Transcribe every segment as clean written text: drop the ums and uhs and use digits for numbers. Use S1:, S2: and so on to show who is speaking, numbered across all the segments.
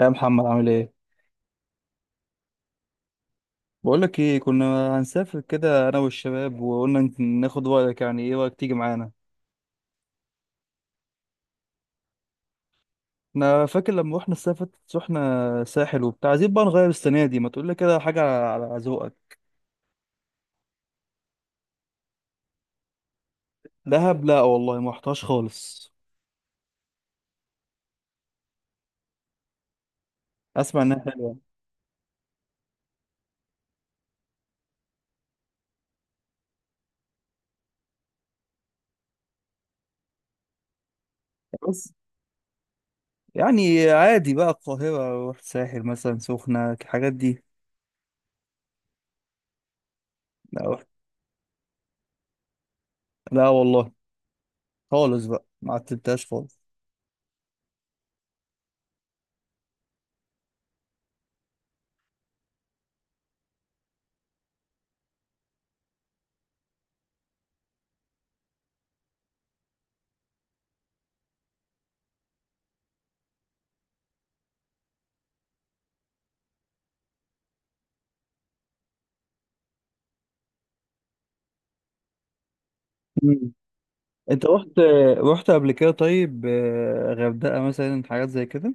S1: يا محمد، عامل ايه؟ بقول لك ايه، كنا هنسافر كده انا والشباب، وقلنا ناخد رايك، يعني ايه رايك تيجي معانا؟ انا فاكر لما رحنا السافت، رحنا ساحل وبتاع. عايزين بقى نغير السنه دي، ما تقول لي كده حاجه على ذوقك. دهب؟ لا والله ما رحتهاش خالص. اسمع انها حلوه. بس يعني عادي بقى، القاهره، رحت ساحل، مثلا سخنه، الحاجات دي. لا، رحت. لا والله، خالص بقى، ما عتبتهاش خالص. مم. انت رحت قبل كده؟ طيب، غردقه مثلا، حاجات زي كده؟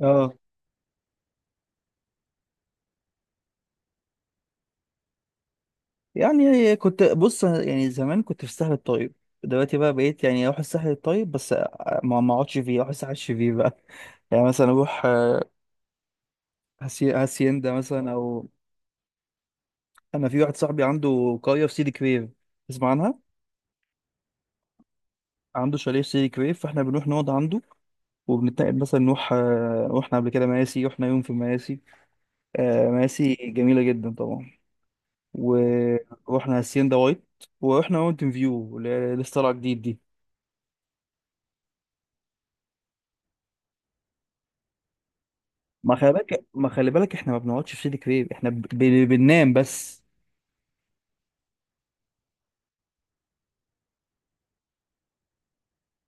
S1: اه، يعني كنت بص، يعني زمان كنت في الساحل الطيب. دلوقتي بقى بقيت يعني اروح الساحل الطيب، بس ما اقعدش فيه، اروح الساحل الشرير بقى. يعني مثلا اروح، هاسيندا مثلا، او. انا في واحد صاحبي عنده قريه في سيدي كرير، تسمع عنها؟ عنده شاليه في سيدي كرير، فاحنا بنروح نقعد عنده، وبنتنقل مثلا نروح، رحنا قبل كده مراسي، رحنا يوم في مراسي. مراسي جميله جدا طبعا. ورحنا هاسيندا وايت، ورحنا ماونتن فيو اللي هي لسه طالعه جديد دي. ما خلي بالك، احنا ما بنقعدش في سيدي كرير، احنا بننام بس.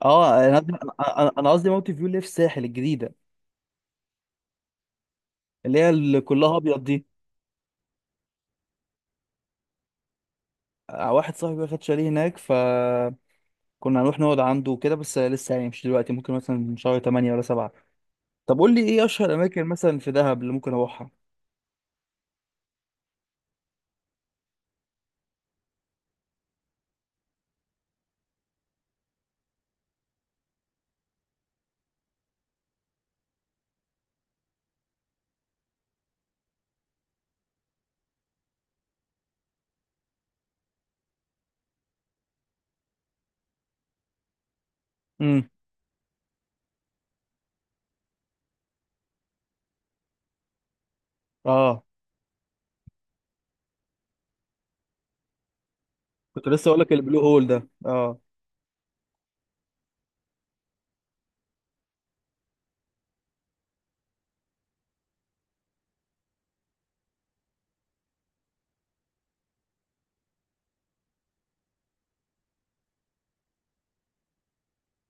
S1: اه، انا قصدي ماونتن فيو اللي في الساحل الجديده، اللي هي اللي كلها ابيض دي. واحد صاحبي واخد شاليه هناك، فكنا هنروح نقعد عنده وكده، بس لسه يعني مش دلوقتي، ممكن مثلا شهر 8 ولا 7. طب قول لي ايه اشهر اماكن مثلا في دهب اللي ممكن اروحها؟ امم. اه، كنت لسه اقول لك البلو هول ده، اه.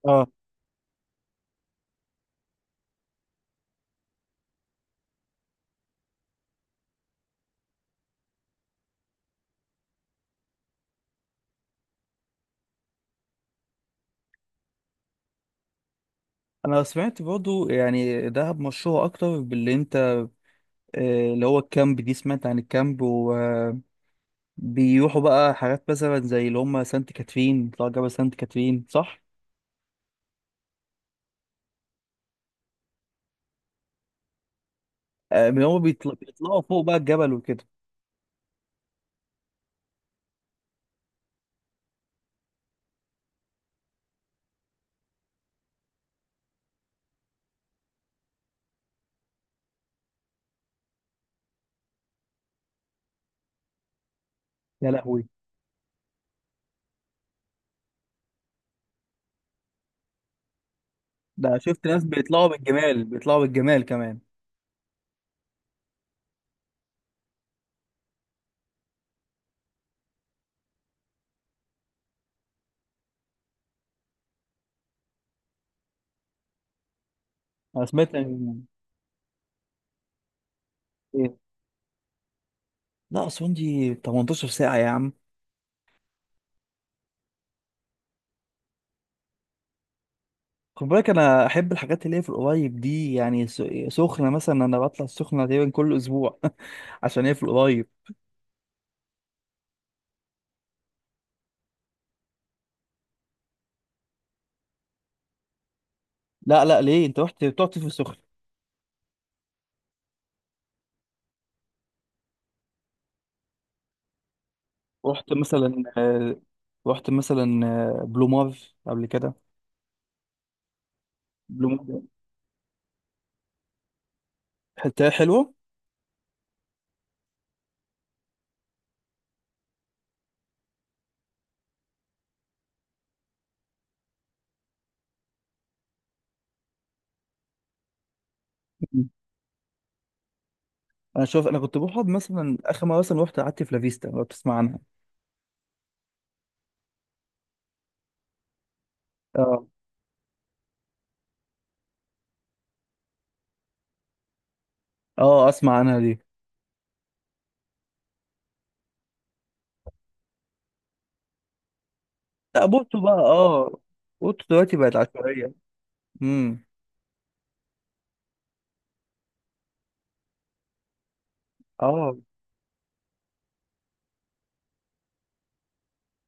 S1: اه، انا سمعت برضو يعني دهب مشهوره اكتر باللي انت، اللي هو الكامب، دي سمعت عن الكامب، و بيروحوا بقى حاجات مثلا زي اللي هم سانت كاترين، بيطلعوا جبل سانت كاترين، صح؟ من هم بيطلعوا فوق بقى الجبل وكده. يا لهوي. ده شفت ناس بيطلعوا بالجمال، بيطلعوا بالجمال كمان. انا سمعت إن-. إيه؟ لا اصلا دي 18 ساعة يا عم. خد بالك، انا احب الحاجات اللي هي في القريب دي، يعني سخنة مثلا، انا بطلع السخنة تقريبا كل اسبوع عشان هي في القريب. لا لا، ليه؟ انت رحت بتقعد في السخنة؟ رحت مثلا آه، رحت مثلا بلومار قبل كده. حتة حلوة. مم. انا شوف انا كنت بقعد مثلا اخر مره، مثلا رحت قعدت في لافيستا، لو بتسمع عنها. اه. اه، اسمع عنها دي. لا بورتو بقى، اه، بورتو دلوقتي بقت عشوائيه. امم. اه،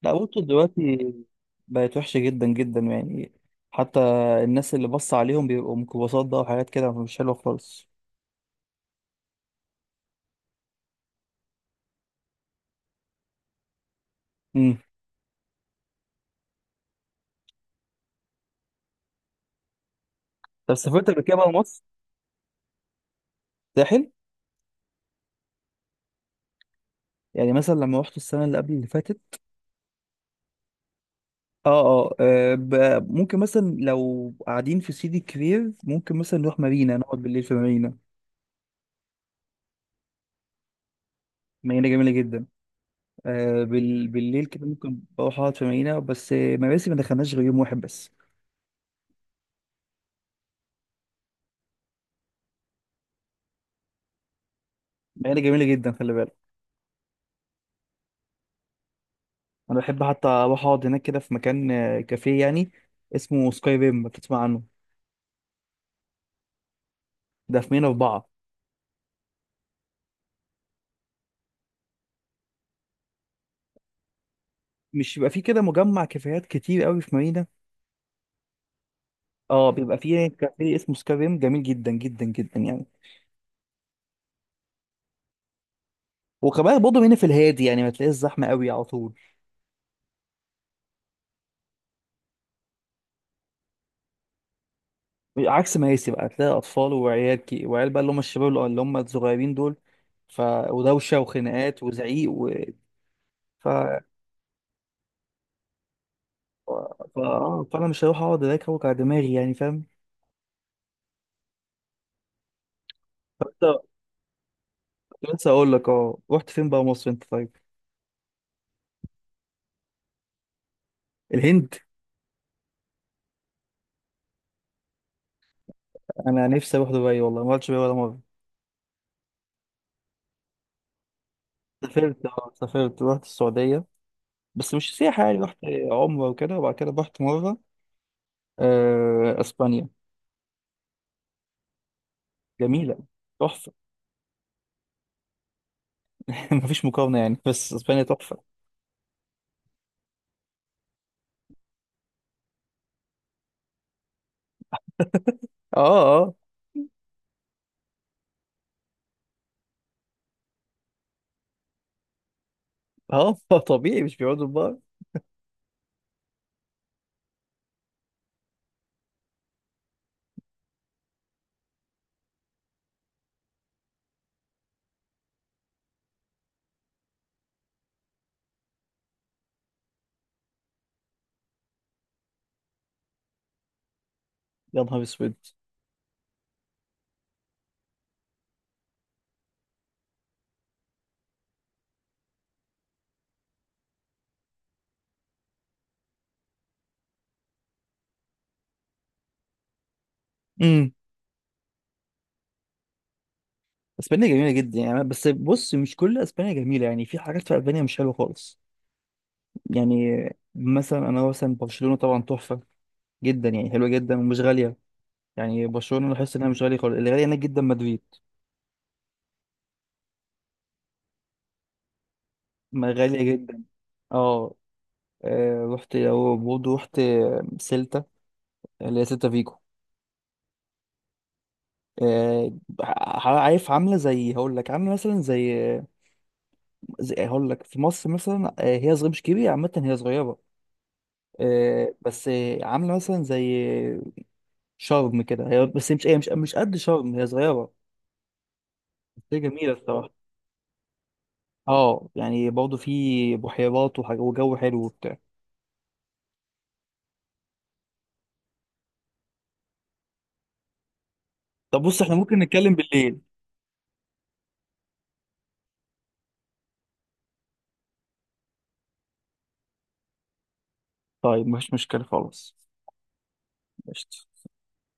S1: لا بورتو دلوقتي بقت وحشه جدا جدا يعني. حتى الناس اللي بص عليهم بيبقوا ميكروباصات بقى وحاجات كده، مش حلوه خالص. امم. طب سافرت قبل كده بقى مصر؟ ساحل. يعني مثلا لما رحت السنه اللي قبل اللي فاتت. اه. اه، ممكن مثلا لو قاعدين في سيدي كرير، ممكن مثلا نروح مارينا، نقعد بالليل في مارينا. مارينا جميلة جدا. بالليل كده ممكن بروح اقعد في مارينا، بس مراسي ما دخلناش غير يوم واحد بس. مارينا جميلة جدا، خلي بالك. انا بحب حتى اروح اقعد هناك كده في مكان، كافيه يعني، اسمه سكاي ريم، بتسمع عنه؟ ده في مارينا أربعة. مش بيبقى فيه كده مجمع كافيهات كتير قوي في مارينا؟ اه، بيبقى فيه كافيه اسمه سكاي ريم، جميل جدا جدا جدا يعني. وكمان برضه هنا في الهادي، يعني ما تلاقيش زحمة قوي على طول. عكس مياسي بقى، تلاقي اطفال وعيال كي، وعيال بقى اللي هم الشباب اللي هم الصغيرين دول. ف ودوشه وخناقات وزعيق و... ف ف اه، فانا مش هروح اقعد هناك اوجع دماغي، يعني فاهم. لسه. لسه، اقول لك، اه رحت فين بقى مصر انت طيب؟ الهند. انا نفسي اروح دبي، والله ما رحتش دبي ولا مره. سافرت اه سافرت رحت السعوديه، بس مش سياحه يعني، رحت عمره وكده، وبعد كده رحت مره اسبانيا. جميله. تحفه. مفيش مقارنه يعني، بس اسبانيا تحفه. اه اه اه طبيعي مش بيقعدوا بقى. يا نهار اسود. امم. اسبانيا جميله جدا يعني، بس بص مش كل اسبانيا جميله يعني، في حاجات في اسبانيا مش حلوه خالص. يعني، مثلا انا، مثلا برشلونه طبعا تحفه جدا يعني، حلوه جدا ومش غاليه. يعني برشلونه لاحظت انها مش غاليه خالص، اللي غاليه هناك جدا مدريد، ما غاليه جدا. اه. رحت، او برضه رحت سيلتا، اللي هي سيلتا فيجو. آه، عارف عامله زي هقول لك، عامله مثلا زي، زي هقول لك في مصر مثلا. هي صغيره مش كبيره عامه، هي صغيره. آه، بس آه، عامله مثلا زي شرم كده، هي بس مش هي مش قد شرم، هي صغيره، بس هي جميله الصراحه. اه يعني برضه في بحيرات وجو حلو وبتاع. طب بص احنا ممكن نتكلم بالليل. طيب مفيش مشكله خالص. قشطة.